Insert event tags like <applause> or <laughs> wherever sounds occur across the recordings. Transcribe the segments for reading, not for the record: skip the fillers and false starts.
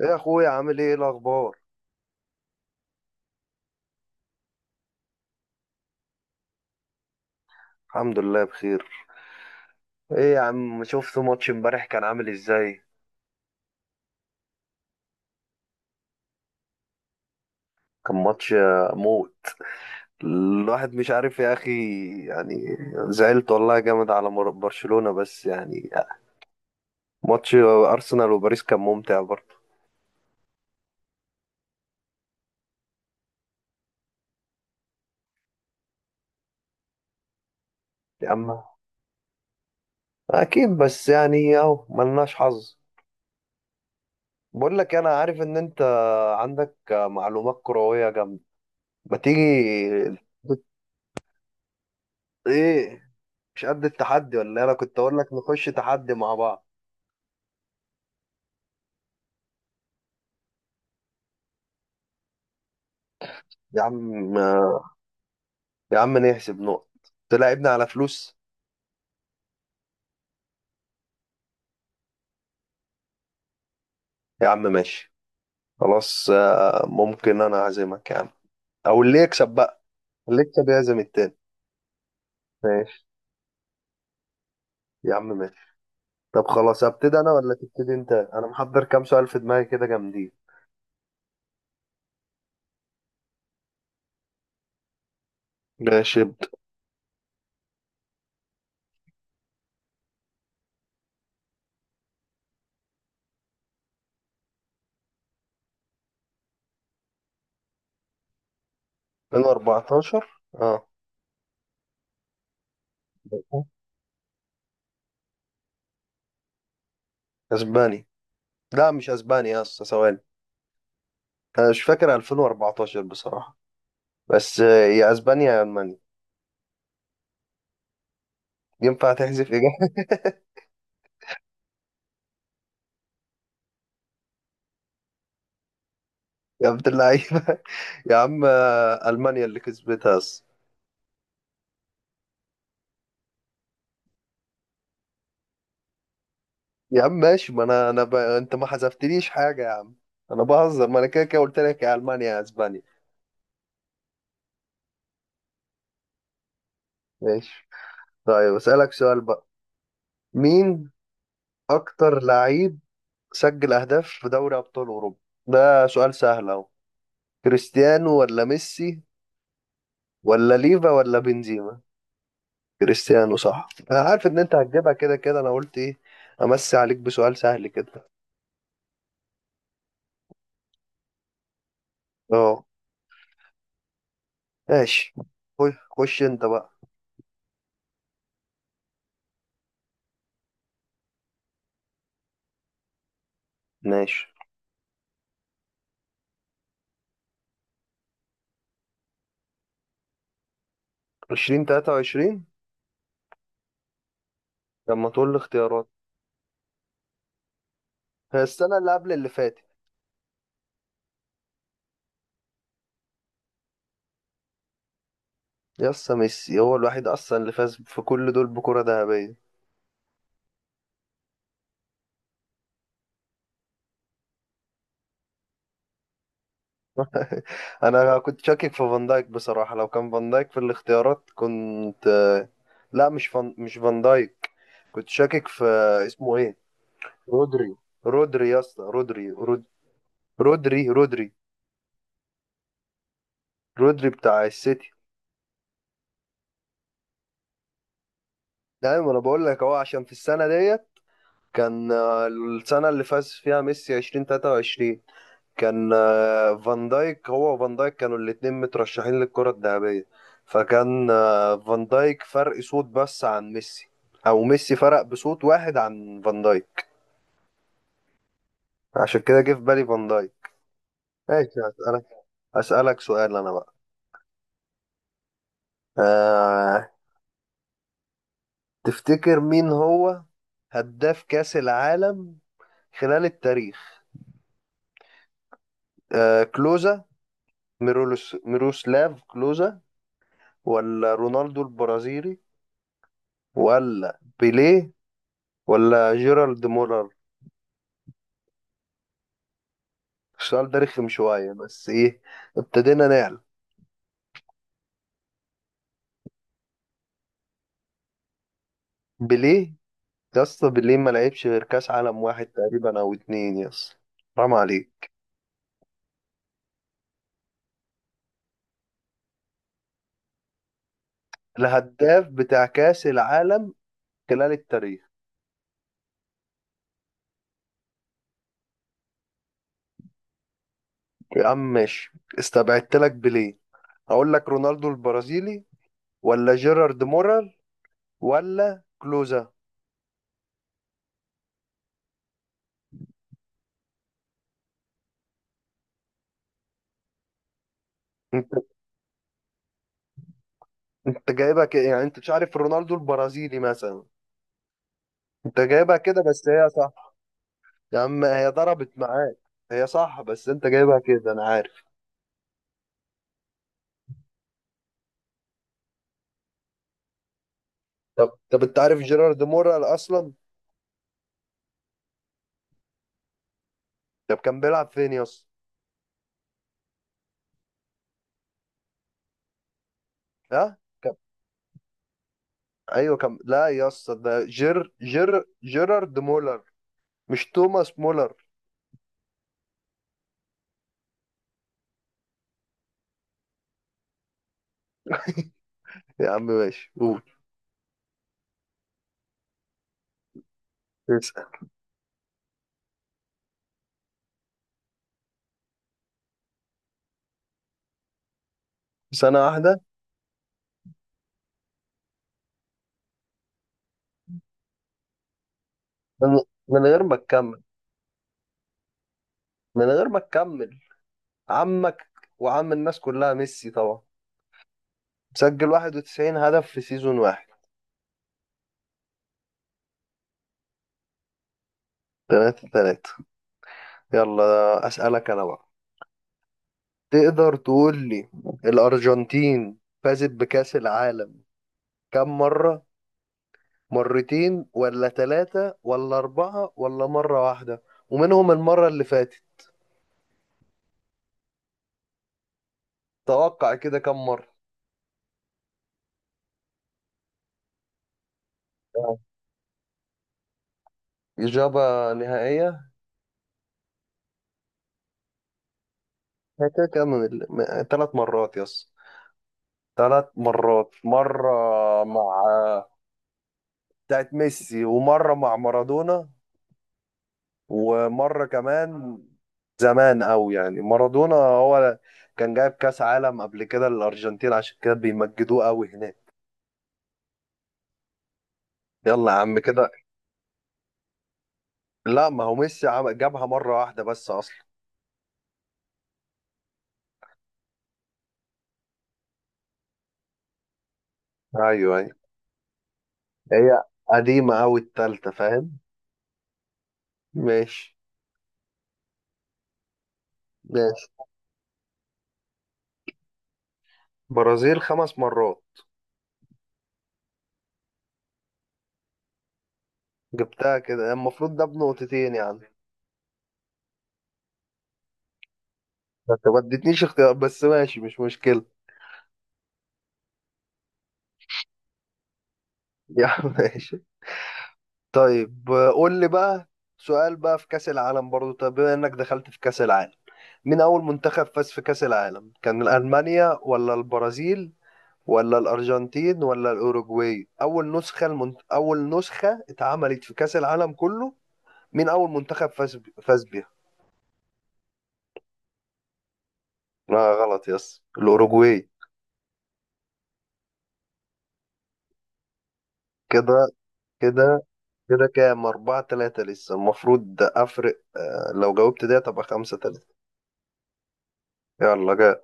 ايه يا اخويا، عامل ايه الاخبار؟ الحمد لله بخير. ايه يا عم، شفت ماتش امبارح؟ كان عامل ازاي؟ كان ماتش موت. الواحد مش عارف يا اخي، يعني زعلت والله جامد على برشلونة، بس يعني ماتش ارسنال وباريس كان ممتع برضه. يا عم اكيد، بس يعني اهو ملناش حظ. بقول لك، انا عارف ان انت عندك معلومات كروية جامدة. ما تيجي؟ ايه، مش قد التحدي ولا إيه؟ انا كنت اقول لك نخش تحدي مع بعض. يا عم، يا عم نحسب نقط؟ تلاعبني على فلوس؟ يا عم ماشي، خلاص. ممكن انا اعزمك يا عم، او اللي يكسب بقى، اللي يكسب يعزم التاني. ماشي يا عم، ماشي. طب خلاص، ابتدي انا ولا تبتدي انت؟ انا محضر كام سؤال في دماغي كده جامدين. ماشي، ابدأ. 2014، اه. اسباني. لا مش اسباني يا اسطى، ثواني. انا مش فاكر 2014 بصراحة، بس يا اسبانيا يا المانيا. ينفع تحذف اجابة؟ <laughs> يا عبد اللعيبة <laughs> يا عم ألمانيا اللي كسبتها أصلا. يا عم ماشي، ما أنا أنا أنت ما حذفتليش حاجة يا عم، أنا بهزر، ما أنا كده كده قلت لك يا ألمانيا يا أسبانيا. ماشي. طيب أسألك سؤال بقى، مين أكتر لعيب سجل أهداف في دوري أبطال أوروبا؟ ده سؤال سهل أهو. كريستيانو ولا ميسي ولا ليفا ولا بنزيما؟ كريستيانو صح، أنا عارف إن أنت هتجيبها، كده كده أنا قلت إيه أمسي عليك بسؤال سهل كده. أه، ماشي. خش خش أنت بقى. ماشي. 2023. لما تقول لي اختيارات. هي السنة اللي قبل اللي فاتت. يسا ميسي هو الوحيد أصلا اللي فاز في كل دول بكرة ذهبية. <laughs> أنا كنت شاكك في فان دايك بصراحة، لو كان فان دايك في الاختيارات كنت. لا، مش فان دايك، كنت شاكك في، اسمه إيه؟ رودري. رودري يا اسطى، رودري، رودري بتاع السيتي. دايما أنا بقول لك أهو، عشان في السنة ديت كان السنة اللي فاز فيها ميسي 2023، كان فان دايك، هو وفان دايك كانوا الاتنين مترشحين للكرة الذهبية، فكان فان دايك فرق صوت بس عن ميسي، او ميسي فرق بصوت واحد عن فان دايك. عشان كده جه في بالي فان دايك. ماشي، هسألك، هسألك سؤال انا بقى. أه... تفتكر مين هو هداف كأس العالم خلال التاريخ؟ كلوزا، ميروسلاف كلوزا، ولا رونالدو البرازيلي، ولا بيليه، ولا جيرالد مولر؟ السؤال ده رخم شوية، بس ايه، ابتدينا نعلم. بليه؟ يا اسطى بليه ما لعبش غير كاس عالم واحد تقريبا او اتنين يا اسطى، حرام عليك. الهداف بتاع كاس العالم خلال التاريخ. يا عم ماشي، استبعدت لك بليه. اقول لك رونالدو البرازيلي، ولا جيرارد مولر، ولا كلوزا. انت، انت جايبها كده، يعني انت مش عارف رونالدو البرازيلي مثلا، انت جايبها كده، بس هي صح. يا عم، هي ضربت معاك. هي صح، بس انت جايبها كده انا عارف. طب طب، انت عارف جيرارد مورال اصلا؟ طب كان بيلعب فين يا اسطى؟ ها كان... ايوه كان، لا يا اسطى ده جيرارد مولر، مش توماس مولر. يا عم ماشي، قول. اسأل. سنة واحدة؟ من... من غير ما تكمل. من غير ما تكمل، عمك وعم الناس كلها ميسي طبعا، مسجل 91 هدف في سيزون واحد. تلاتة تلاتة. يلا أسألك أنا بقى. تقدر تقول لي الأرجنتين فازت بكأس العالم كم مرة؟ مرتين ولا ثلاثة ولا أربعة ولا مرة واحدة؟ ومنهم المرة اللي فاتت. توقع كده كم مرة؟ آه. إجابة نهائية؟ هي كده كام، من ثلاث مرات يس. ثلاث مرات. مرة مع، بتاعت ميسي، ومرة مع مارادونا، ومرة كمان زمان أوي، يعني مارادونا هو كان جايب كأس عالم قبل كده للأرجنتين، عشان كده بيمجدوه أوي هناك. يلا يا عم كده. لا، ما هو ميسي جابها مرة واحدة بس أصلا. أيوه أيوه، هي قديمة أوي التالتة، فاهم. ماشي. ماشي، برازيل خمس مرات. جبتها كده، المفروض ده بنقطتين يعني. ما انت ما اديتنيش اختيار، بس ماشي مش مشكلة. <laughs> يا عم ماشي. طيب قول لي بقى سؤال بقى في كأس العالم برضو. طب بما انك دخلت في كأس العالم، مين اول منتخب فاز في كأس العالم؟ كان ألمانيا ولا البرازيل ولا الأرجنتين ولا الأوروجواي؟ اول نسخة اول نسخة اتعملت في كأس العالم كله، مين اول منتخب فاز بيها؟ لا غلط، يس الأوروجواي. كده، كده، كده كام؟ أربعة تلاتة لسه. المفروض أفرق لو جاوبت ده تبقى خمسة تلاتة. يلا جاي.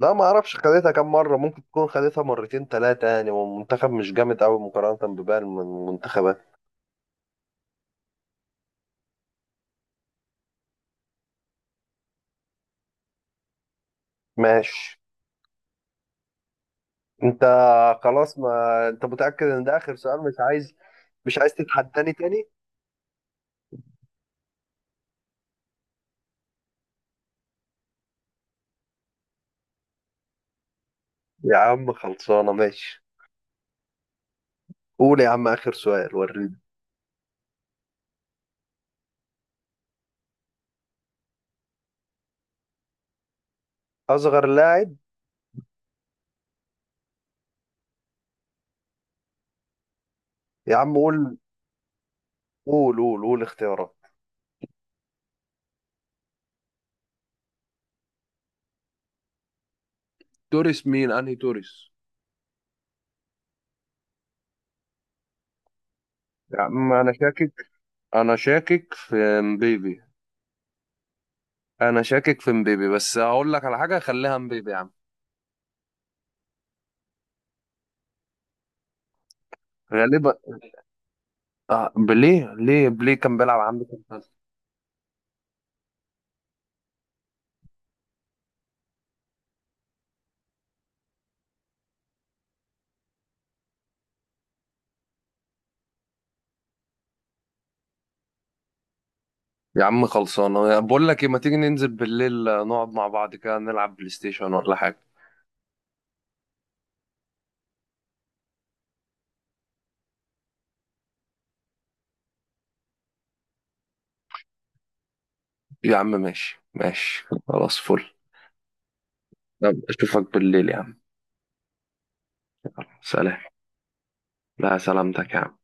لا، ما اعرفش خدتها كام مره، ممكن تكون خدتها مرتين ثلاثه يعني، والمنتخب مش جامد قوي مقارنه بباقي المنتخبات. ماشي. انت، خلاص، ما انت متاكد ان ده اخر سؤال، مش عايز، مش عايز تتحداني تاني؟ يا عم خلصانه، ماشي. قول يا عم، اخر سؤال، وريني. اصغر لاعب. يا عم قول قول اختيارات. توريس؟ مين انهي توريس؟ يا عم انا شاكك، انا شاكك في مبيبي، انا شاكك في مبيبي، بس هقول لك على حاجه، خليها مبيبي يا عم. غالبا. آه بليه؟ ليه، بليه كان بيلعب عندي في الفصل. يا عم خلصانة، بقول لك ايه، ما تيجي ننزل بالليل نقعد مع بعض كده، نلعب بلاي ستيشن ولا حاجة؟ يا عم ماشي ماشي، خلاص فل. يلا، اشوفك بالليل يا عم. سلام. لا سلامتك يا عم.